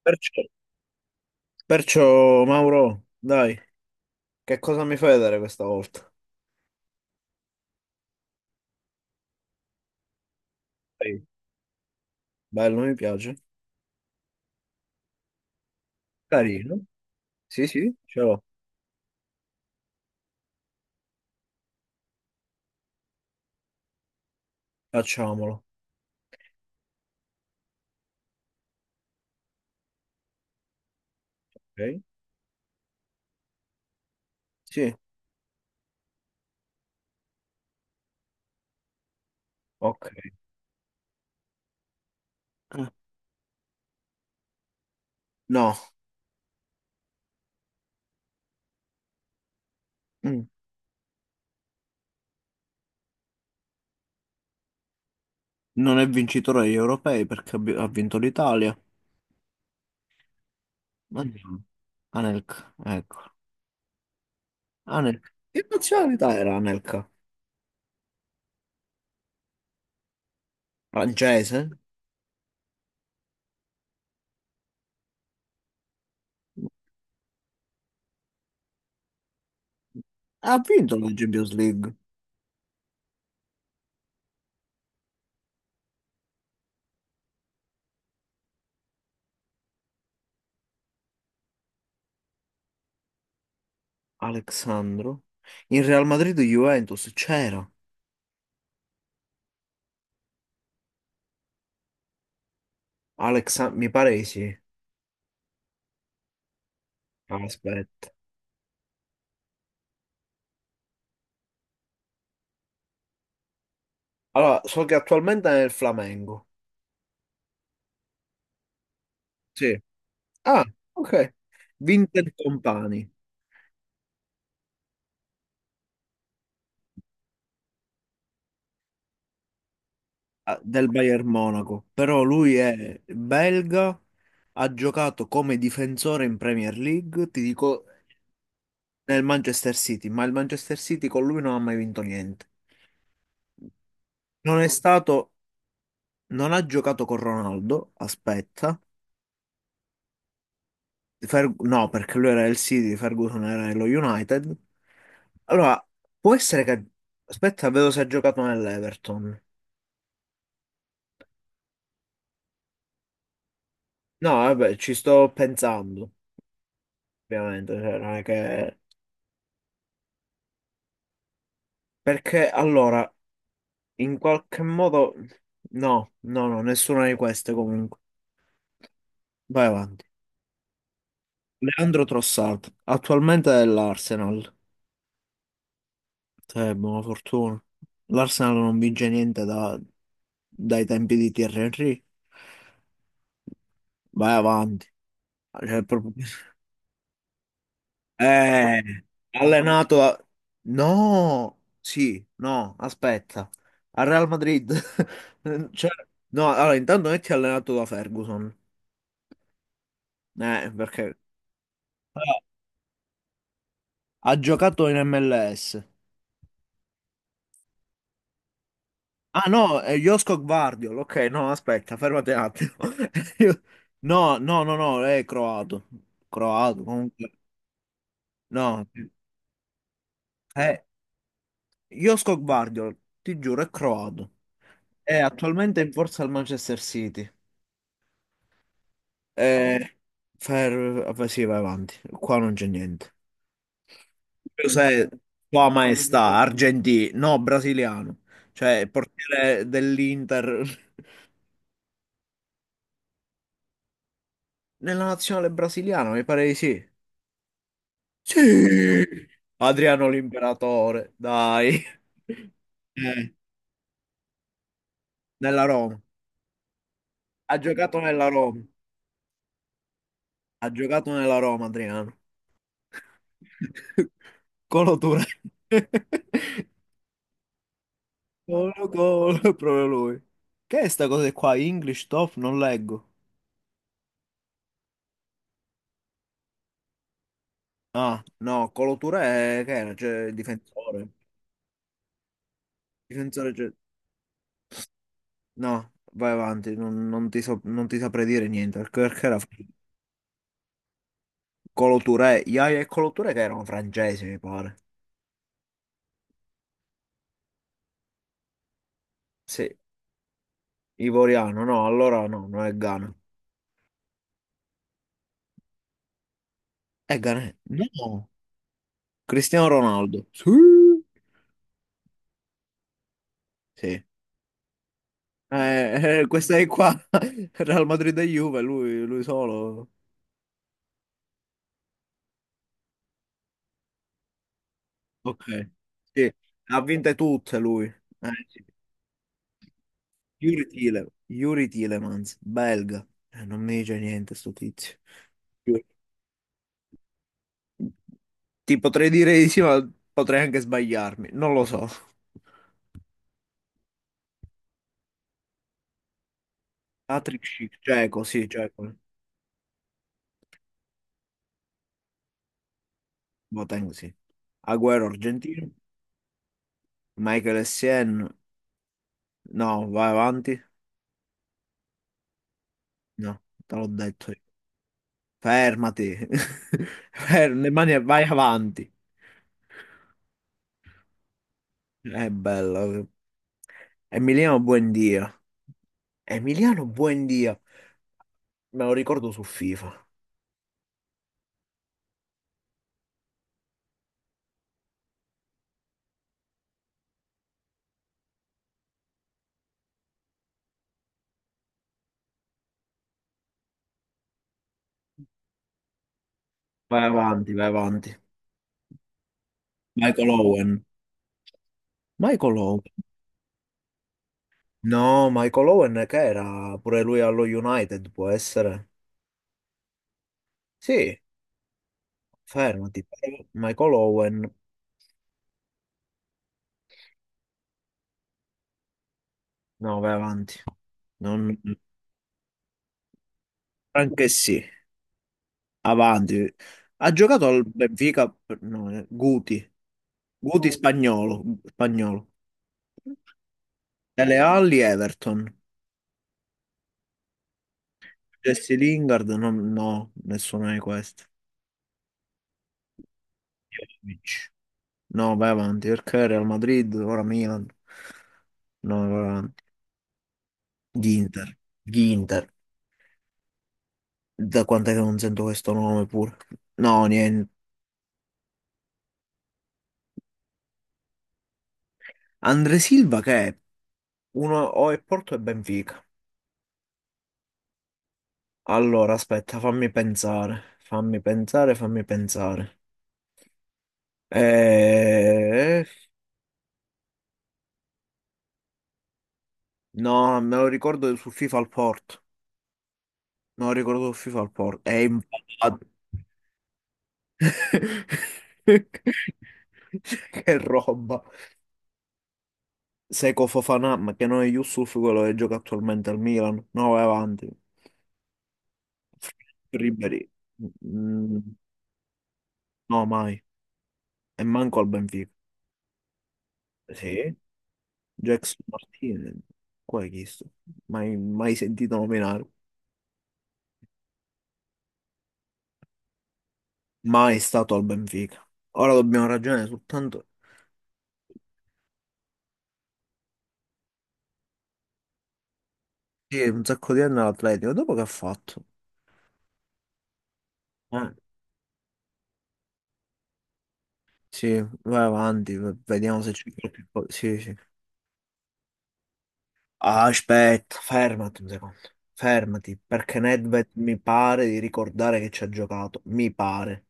Perciò, perciò, Mauro, dai, che cosa mi fai vedere questa volta? Dai, bello, mi piace. Carino. Sì, sì. Ce l'ho. Facciamolo. Ok. Sì, ok. Eh, no, mm, non è vincitore agli europei perché ha vinto l'Italia. Mm. Anelka, ecco. Anelka. Che nazionalità era Anelka? Francese? Ha vinto la Champions League. Alexandro. In Real Madrid Juventus c'era. Mi pare di sì. Ah, aspetta. Allora, so che attualmente è nel Flamengo. Sì. Ah, ok. Vincent Company, del Bayern Monaco, però lui è belga, ha giocato come difensore in Premier League, ti dico, nel Manchester City, ma il Manchester City con lui non ha mai vinto niente. Non è stato, non ha giocato con Ronaldo, aspetta, no, perché lui era il City, Ferguson era lo United. Allora, può essere che, aspetta, vedo se ha giocato nell'Everton. No, vabbè, ci sto pensando, ovviamente, cioè, non è che... Perché allora, in qualche modo... No, no, no, nessuna di queste comunque. Vai avanti. Leandro Trossard, attualmente è l'Arsenal. Cioè, buona fortuna. L'Arsenal non vince niente da- dai tempi di Thierry Henry. Vai avanti. Cioè, proprio... Eh, allenato a... No, sì, no, aspetta. Al Real Madrid. Cioè, no, allora intanto non è che è allenato da Ferguson. Perché... Ah, ha giocato in MLS. Ah no, è Josko Gvardiol. Ok, no, aspetta, fermati un attimo. Io- no, no, no, no, è croato. Croato, comunque. No, è Josko Gvardiol, ti giuro, è croato. È attualmente in forza al Manchester City. Eh, sì, vai avanti. Qua non c'è niente. Cos'è, tua maestà, argentino? No, brasiliano. Cioè, il portiere dell'Inter. Nella nazionale brasiliana, mi pare di sì. Sì! Adriano l'imperatore, dai. Eh, nella Roma. Ha giocato nella Roma. Ha giocato nella Roma, Adriano. Colo Touré. Gol, gol, proprio lui. Che è sta cosa qua? English top? Non leggo. Ah, no, Coloture è... che era? Cioè, il difensore. Difensore, cioè... No, vai avanti, non non ti saprei dire niente, perché, perché era... Coloture, Yaya e Coloture che erano francesi, mi pare. Sì, ivoriano, no, allora no, non è Ghana. È Ghana? No, Cristiano Ronaldo. Sì. Sì. Questa è qua, Real Madrid e Juve, lui solo. Ok, sì, ha vinte tutte lui. Sì. Yuri Tilemans, belga. Non mi dice niente sto tizio. Sì. Ti potrei dire di sì, ma potrei anche sbagliarmi. Non lo so. Patrick Schick, cieco, sì, cieco. Boateng, sì. Agüero, argentino. Michael Essien, no, vai avanti. No, te l'ho detto. Io. Fermati. Le mani e vai avanti. È bello. Emiliano Buendia. Emiliano Buendia. Me lo ricordo su FIFA. Vai avanti, vai avanti. Michael Owen. Michael Owen. No, Michael Owen che era pure lui allo United, può essere. Sì, fermati. Michael Owen. No, vai avanti. Non... Anche sì, avanti. Ha giocato al Benfica, no, Guti. Guti spagnolo, spagnolo. Dele Alli Everton. Jesse Lingard, no, no, nessuno di questi. Vidic. No, vai avanti, perché Real Madrid, ora Milan. No, vai avanti. Ginter. Ginter. Da quant'è che non sento questo nome pure? No, niente. Andre Silva che è? Uno o è Porto e Benfica. Allora, aspetta, fammi pensare. Fammi pensare, fammi pensare. Eh, No, me lo ricordo su FIFA al Porto. Me lo ricordo su FIFA al Porto. È in... Che roba. Seco Fofana, ma che non è Yusuf quello che gioca attualmente al Milan. No, vai avanti. Ribéry. Mm, no, mai. E manco al Benfica. Sì. Jackson Martinez. Qua è chi sto? Mai, mai sentito nominare. Mai stato al Benfica. Ora dobbiamo ragionare soltanto. Sì, un sacco di anni all'Atletico. Dopo che ha fatto? Eh, sì, vai avanti, vediamo se c'è qualche cosa. Sì, sì. Ah, aspetta, fermati un secondo. Fermati, perché Nedved mi pare di ricordare che ci ha giocato. Mi pare.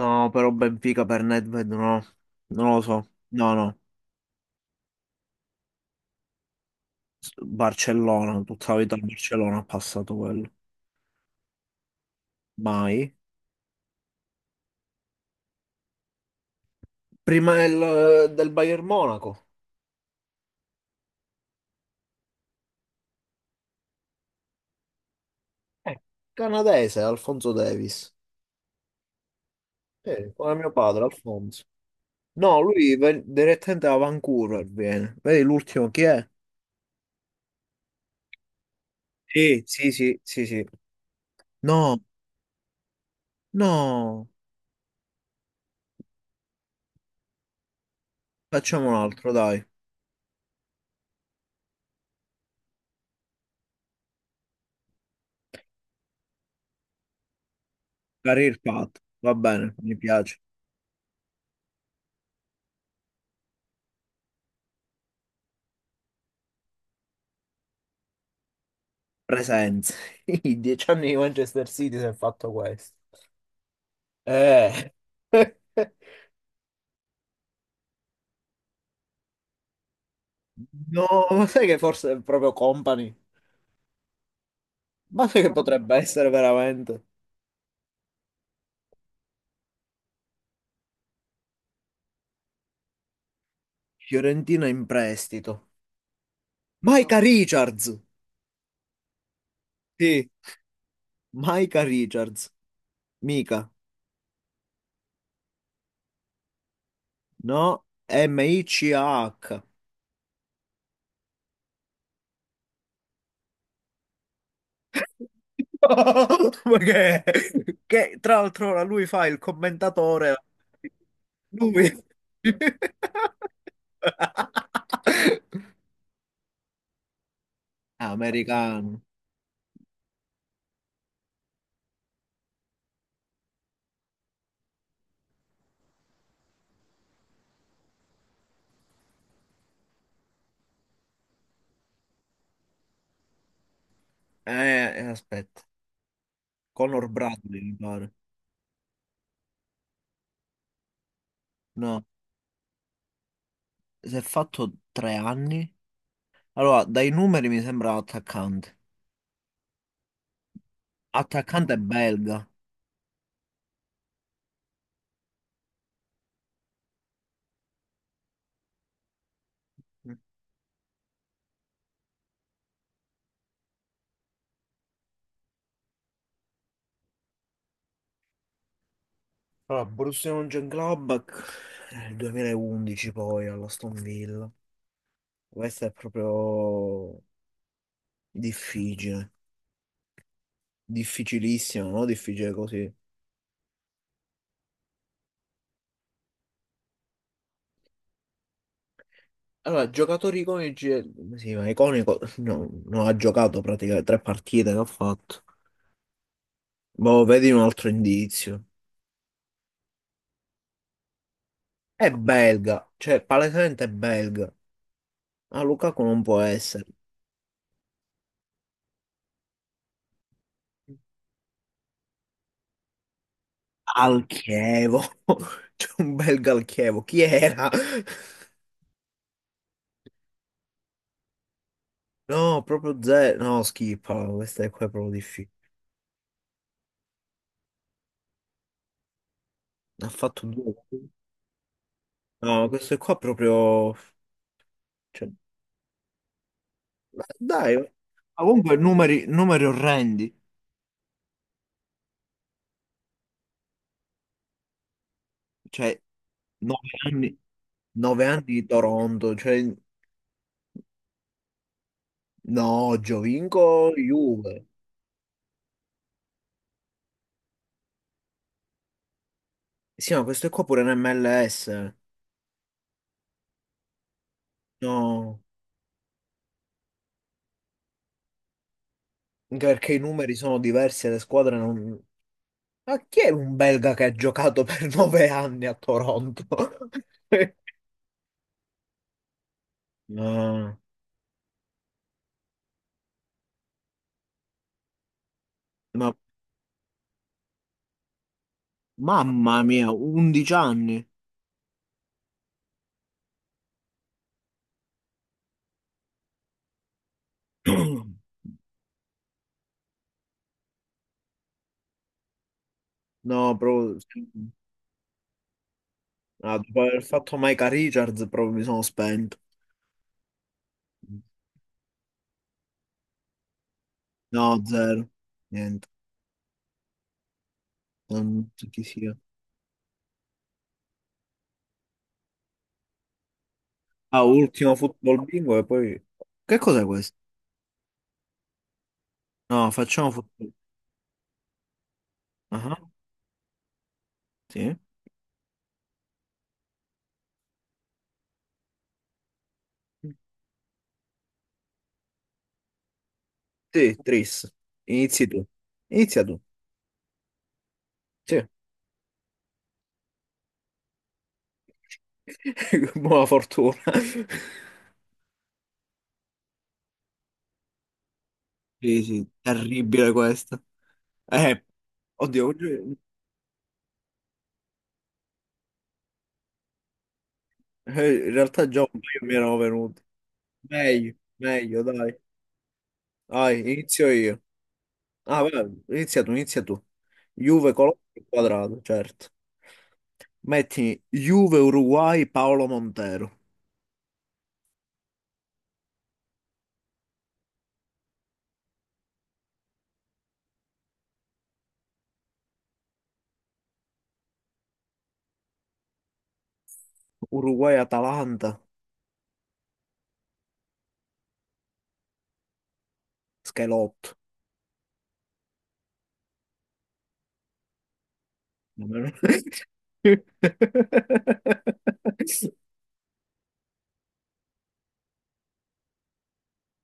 No, però Benfica per Nedved no. Non lo so. No, no. Barcellona, tutta la vita al Barcellona ha passato quello. Mai. Prima del Bayern Monaco. Eh, canadese, Alfonso Davis. Come mio padre, Alfonso. No, direttamente da Vancouver viene. Vedi l'ultimo chi è? Sì, sì, sì, sì, sì. No, no. Facciamo un altro, dai. Career path, va bene, mi piace. Presenze. I 10 anni di Manchester City si è fatto questo. Eh. No, ma sai che forse è proprio Company? Ma sai che potrebbe essere veramente? Fiorentina in prestito. Micah Richards! Sì, Micah Richards. Mica. No, M-I-C-A-H. No, perché che, tra l'altro ora lui fa il commentatore. Lui. Americano. Eh, aspetta. Conor Bradley, mi pare. No, si è fatto 3 anni. Allora, dai numeri mi sembra attaccante. Attaccante è belga. Allora, Borussia Mönchengladbach nel 2011 poi alla Aston Villa. Questa è proprio difficile, difficilissimo, no? Difficile così. Allora, giocatori iconici, sì, ma iconico, no, non ha giocato praticamente tre partite che ha fatto. Boh, vedi un altro indizio. È belga, cioè palesemente è belga. Ah, Lukaku non può essere. Al Chievo, c'è un belga al Chievo, chi era? No, proprio zero, no, schifo, questa è qua è proprio difficile. Ne ha fatto due. No, questo qua è proprio... cioè, ma dai, ma comunque numeri, numeri orrendi, cioè 9 anni, 9 anni di Toronto, cioè no, Giovinco, Juve. Sì, ma questo è qua pure in MLS. No, anche perché i numeri sono diversi e le squadre non... Ma chi è un belga che ha giocato per 9 anni a Toronto? No, ma mamma mia, 11 anni. No, proprio... sì. Ah, dopo aver fatto Micah Richards, proprio mi sono spento. No, zero. Niente, non so chi sia. Ah, ultimo football bingo e poi... Che cos'è questo? No, facciamo football. Ah, sì. Sì, tris. Inizi tu. Inizia tu. Sì. Buona fortuna. Sì, sì, terribile questo. Eh, oddio, oggi- In realtà già un paio mi erano venuti. Meglio, meglio, dai. Dai, inizio io. Ah, guarda, inizia tu, inizia tu. Juve, Colombo e Quadrado, certo. Metti Juve, Uruguay, Paolo Montero. Uruguay, Atalanta, Schelotto.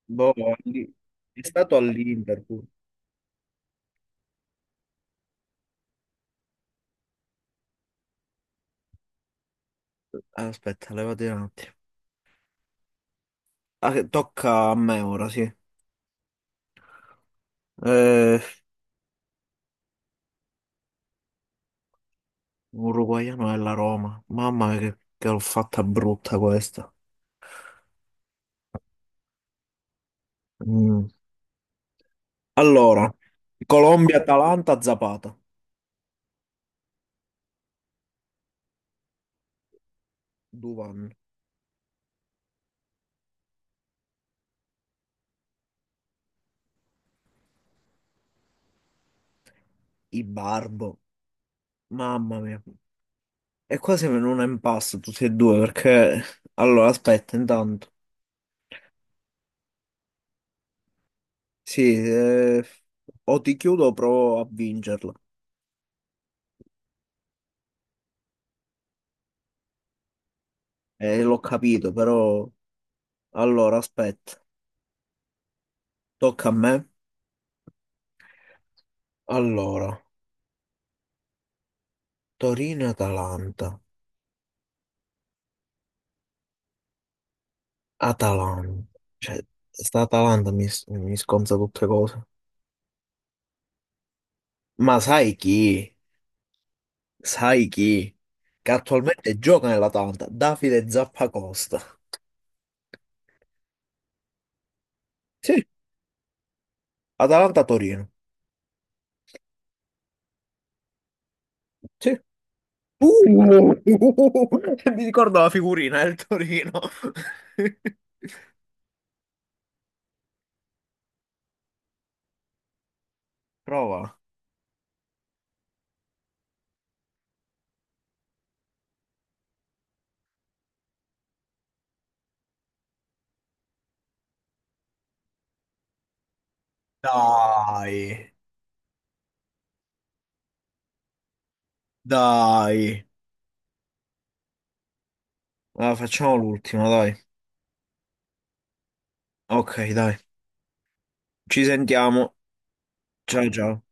Boh, lì- è stato all'Inter pure. Aspetta, levati un attimo. Ah, che tocca a me ora, sì. Eh, uruguaiano è la Roma. Mamma mia, che l'ho fatta brutta questa. Mm. Allora, Colombia, Atalanta, Zapata, Duvan, i Barbo, mamma mia. E qua siamo in un impasse tutti e due perché... Allora, aspetta, intanto. Sì, o ti chiudo o provo a vincerla. L'ho capito, però... Allora, aspetta, tocca a me. Allora, Torino-Atalanta, Atalanta. Cioè, sta Atalanta mi sconza tutte cose. Ma sai chi? Sai chi? Che attualmente gioca nell'Atalanta, Davide Zappacosta. Sì, Atalanta-Torino. Sì. Uh, mi ricordo la figurina del Torino. Prova. Dai, dai. Allora, facciamo l'ultima, dai. Ok, dai. Ci sentiamo. Ciao, ciao.